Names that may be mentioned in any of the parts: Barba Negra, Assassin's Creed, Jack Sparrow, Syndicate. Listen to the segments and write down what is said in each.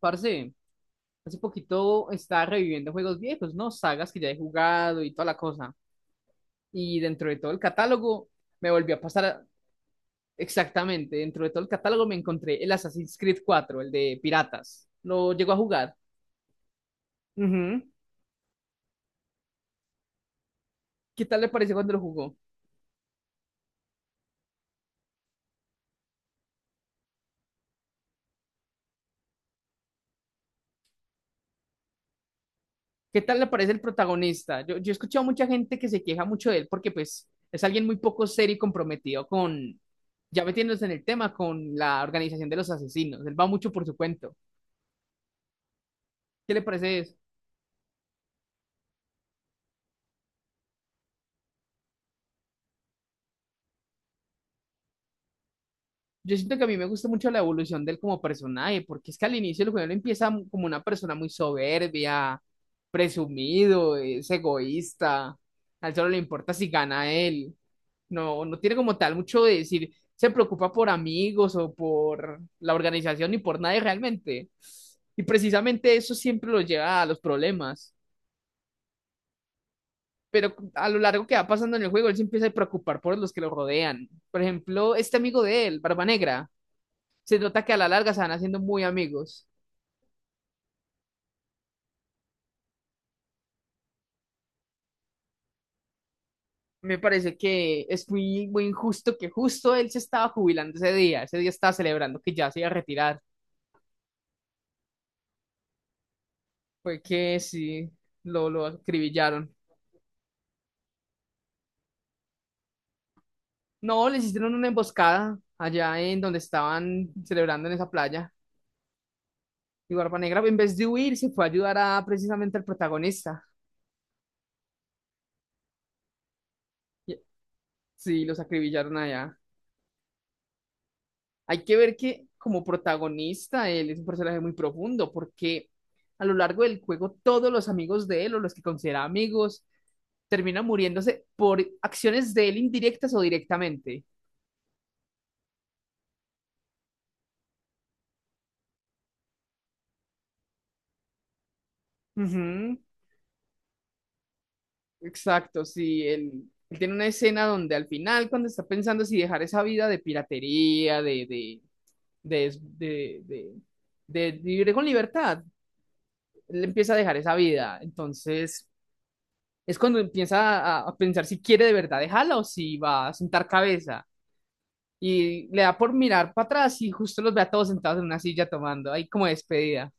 Parce, hace poquito estaba reviviendo juegos viejos, ¿no? Sagas que ya he jugado y toda la cosa. Y dentro de todo el catálogo me volvió a pasar exactamente. Dentro de todo el catálogo me encontré el Assassin's Creed IV, el de Piratas. Lo llegó a jugar. Ujú. ¿Qué tal le parece cuando lo jugó? ¿Qué tal le parece el protagonista? Yo he escuchado a mucha gente que se queja mucho de él porque pues es alguien muy poco serio y comprometido con, ya metiéndose en el tema, con la organización de los asesinos. Él va mucho por su cuento. ¿Qué le parece Yo siento que a mí me gusta mucho la evolución de él como personaje, porque es que al inicio el juego él empieza como una persona muy soberbia, presumido, es egoísta. A él solo le importa si gana él. No, no tiene como tal mucho de decir, se preocupa por amigos o por la organización ni por nadie realmente. Y precisamente eso siempre lo lleva a los problemas. Pero a lo largo que va pasando en el juego, él se empieza a preocupar por los que lo rodean. Por ejemplo, este amigo de él, Barba Negra. Se nota que a la larga se van haciendo muy amigos. Me parece que es muy, muy injusto que justo él se estaba jubilando ese día estaba celebrando que ya se iba a retirar. Fue que sí, lo acribillaron. No, les hicieron una emboscada allá en donde estaban celebrando en esa playa. Y Barba Negra, en vez de huir, se fue a ayudar a precisamente al protagonista. Y- Sí, los acribillaron allá. Hay que ver que como protagonista él es un personaje muy profundo porque a lo largo del juego todos los amigos de él o los que considera amigos terminan muriéndose por acciones de él, indirectas o directamente. Ujú. Exacto, sí, él tiene una escena donde al final cuando está pensando si dejar esa vida de piratería, de, es- de vivir con libertad, él empieza a dejar esa vida. Entonces, es cuando empieza a pensar si quiere de verdad dejarla o si va a sentar cabeza. Y le da por mirar para atrás y justo los ve a todos sentados en una silla tomando ahí como despedida.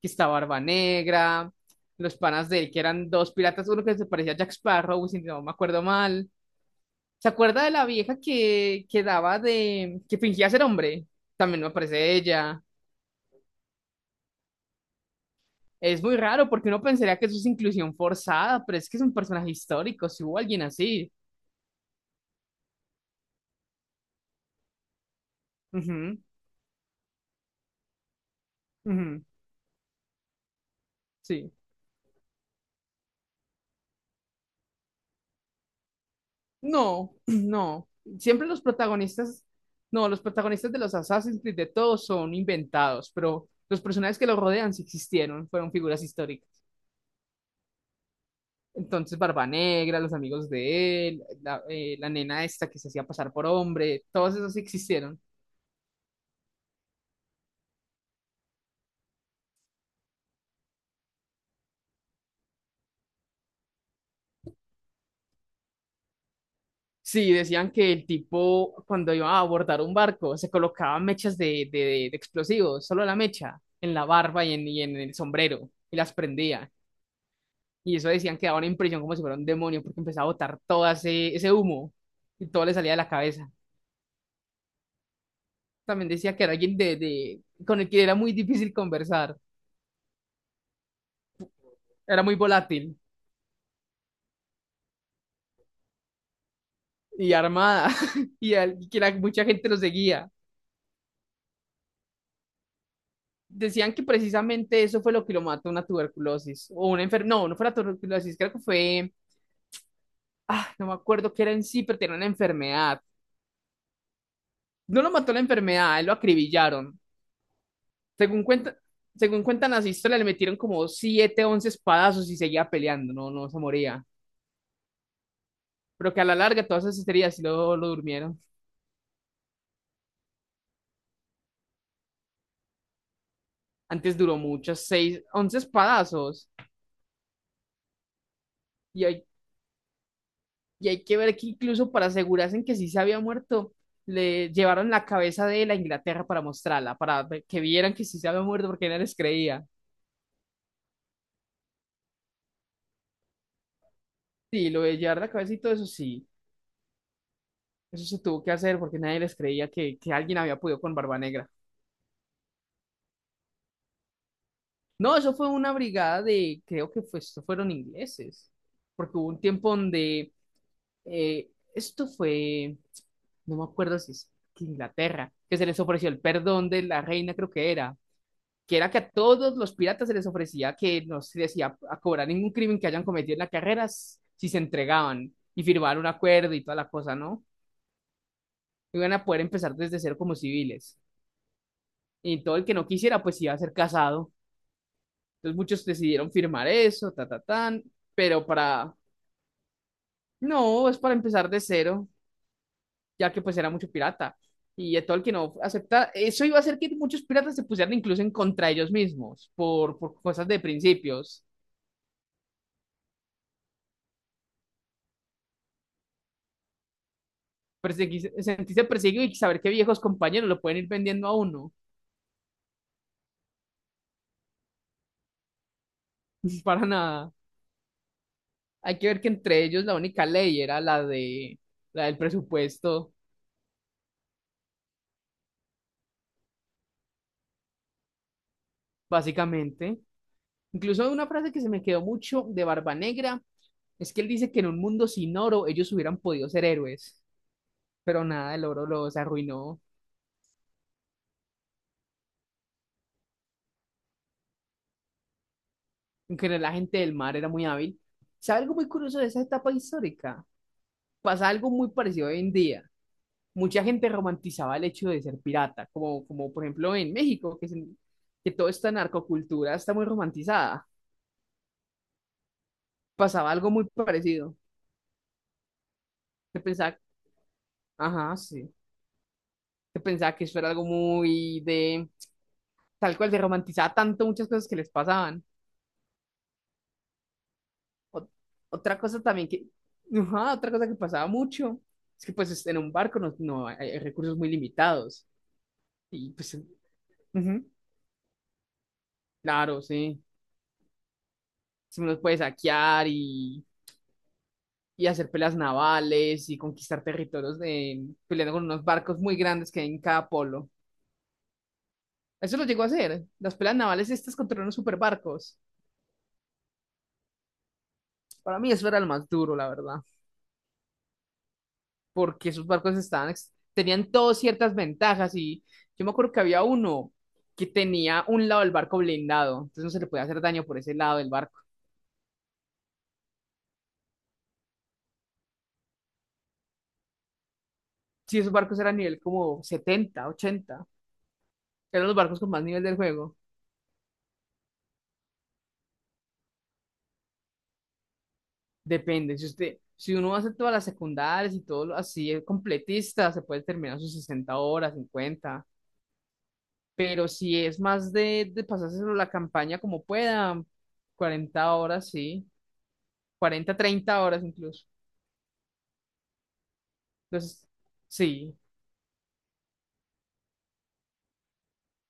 Que está Barba Negra, los panas de él, que eran dos piratas, uno que se parecía a Jack Sparrow, si no me acuerdo mal. ¿Se acuerda de la vieja que que fingía ser hombre? También me aparece ella. Es muy raro porque uno pensaría que eso es inclusión forzada, pero es que es un personaje histórico, si hubo alguien así. Ujú, ujú, sí. No, no. Siempre los protagonistas, no, los protagonistas de los Assassin's Creed de todos son inventados, pero los personajes que lo rodean sí existieron, fueron figuras históricas. Entonces, Barba Negra, los amigos de él, la, la nena esta que se hacía pasar por hombre, todos esos sí existieron. Sí, decían que el tipo cuando iba a abordar un barco se colocaba mechas de explosivos, solo la mecha, en la barba y en el sombrero, y las prendía. Y eso decían que daba una impresión como si fuera un demonio, porque empezaba a botar todo ese, ese humo y todo le salía de la cabeza. También decía que era alguien con el que era muy difícil conversar, era muy volátil y armada, y, y que mucha gente lo seguía. Decían que precisamente eso fue lo que lo mató, una tuberculosis o una enfermedad. No, no fue la tuberculosis, creo que fue. Ah, no me acuerdo qué era en sí, pero tenía una enfermedad. No lo mató la enfermedad, a él lo acribillaron. Según cuenta, Según cuentan las historias, le metieron como 7 11 espadazos y seguía peleando, no, no se moría. Pero que a la larga todas esas heridas sí lo durmieron. Antes duró muchas, 6 11 espadazos. Y hay, y hay que ver que incluso para asegurarse en que sí se había muerto, le llevaron la cabeza de él a Inglaterra para mostrarla, para que vieran que sí se había muerto porque nadie les creía. Sí, lo de llevar la cabeza y todo eso sí, eso se tuvo que hacer porque nadie les creía que alguien había podido con Barba Negra. No, eso fue una brigada de, creo que fue, esto fueron ingleses, porque hubo un tiempo donde, esto fue, no me acuerdo si es que Inglaterra, que se les ofreció el perdón de la reina, creo que era, que era que a todos los piratas se les ofrecía que no se les iba a cobrar ningún crimen que hayan cometido en la carrera si se entregaban y firmaban un acuerdo y toda la cosa, ¿no? Iban a poder empezar desde cero como civiles. Y todo el que no quisiera, pues iba a ser casado. Entonces muchos decidieron firmar eso, pero para No, es para empezar de cero, ya que pues era mucho pirata. Y Tolkien no acepta, eso iba a hacer que muchos piratas se pusieran incluso en contra de ellos mismos, por cosas de principios. Sentirse perseguido y saber que viejos compañeros lo pueden ir vendiendo a uno, para nada. Hay que ver que entre ellos la única ley era la del presupuesto, básicamente. Incluso una frase que se me quedó mucho de Barba Negra es que él dice que en un mundo sin oro ellos hubieran podido ser héroes, pero nada, el oro los arruinó. En general, la gente del mar era muy hábil. ¿Sabe algo muy curioso de esa etapa histórica? Pasa algo muy parecido hoy en día. Mucha gente romantizaba el hecho de ser pirata, como, como por ejemplo en México, que, que toda esta narcocultura está muy romantizada. Pasaba algo muy parecido. Se pensaba, ajá, sí. Se pensaba que eso era algo muy de, tal cual, se romantizaba tanto muchas cosas que les pasaban. Ot- Otra cosa también que, ajá, otra cosa que pasaba mucho es que pues en un barco no, no hay, recursos muy limitados y pues ujú, claro, sí, si uno puede saquear y hacer peleas navales y conquistar territorios de, peleando con unos barcos muy grandes que hay en cada polo. Eso lo llegó a hacer, las peleas navales estas contra unos superbarcos. Para mí eso era lo más duro, la verdad, porque esos barcos estaban, tenían todas ciertas ventajas y yo me acuerdo que había uno que tenía un lado del barco blindado, entonces no se le podía hacer daño por ese lado del barco. Si esos barcos eran nivel como 70 ochenta, eran los barcos con más nivel del juego. Depende, si usted, si uno hace todas las secundarias y todo lo así, es completista, se puede terminar sus 60 horas, cincuenta, pero si es más de pasárselo la campaña como pueda, 40 horas, sí, 40 30 horas incluso. Entonces, sí,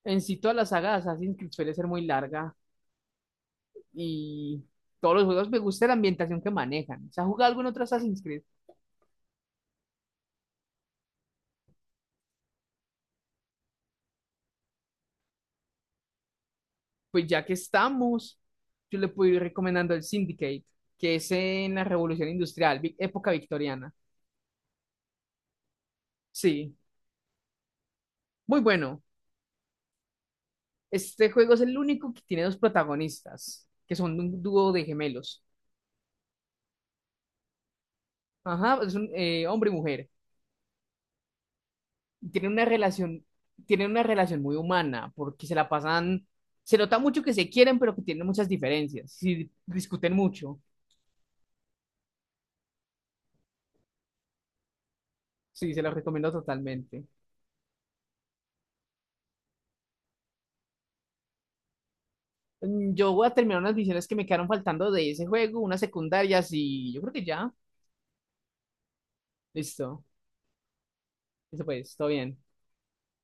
en sí toda la saga de Assassin's Creed suele ser muy larga y todos los juegos me gusta la ambientación que manejan. ¿Se ha jugado algún otro Assassin's Creed? Pues ya que estamos, yo le puedo ir recomendando el Syndicate, que es en la Revolución Industrial, época victoriana. Sí, muy bueno. Este juego es el único que tiene dos protagonistas, que son un dúo de gemelos. Ajá, es un hombre y mujer. Tienen una relación, tienen una relación muy humana, porque se la pasan, se nota mucho que se quieren, pero que tienen muchas diferencias, sí, discuten mucho, sí, se los recomiendo totalmente. Mm, yo voy a terminar unas misiones que me quedaron faltando de ese juego, unas secundarias y yo creo que ya, listo, eso pues, todo bien.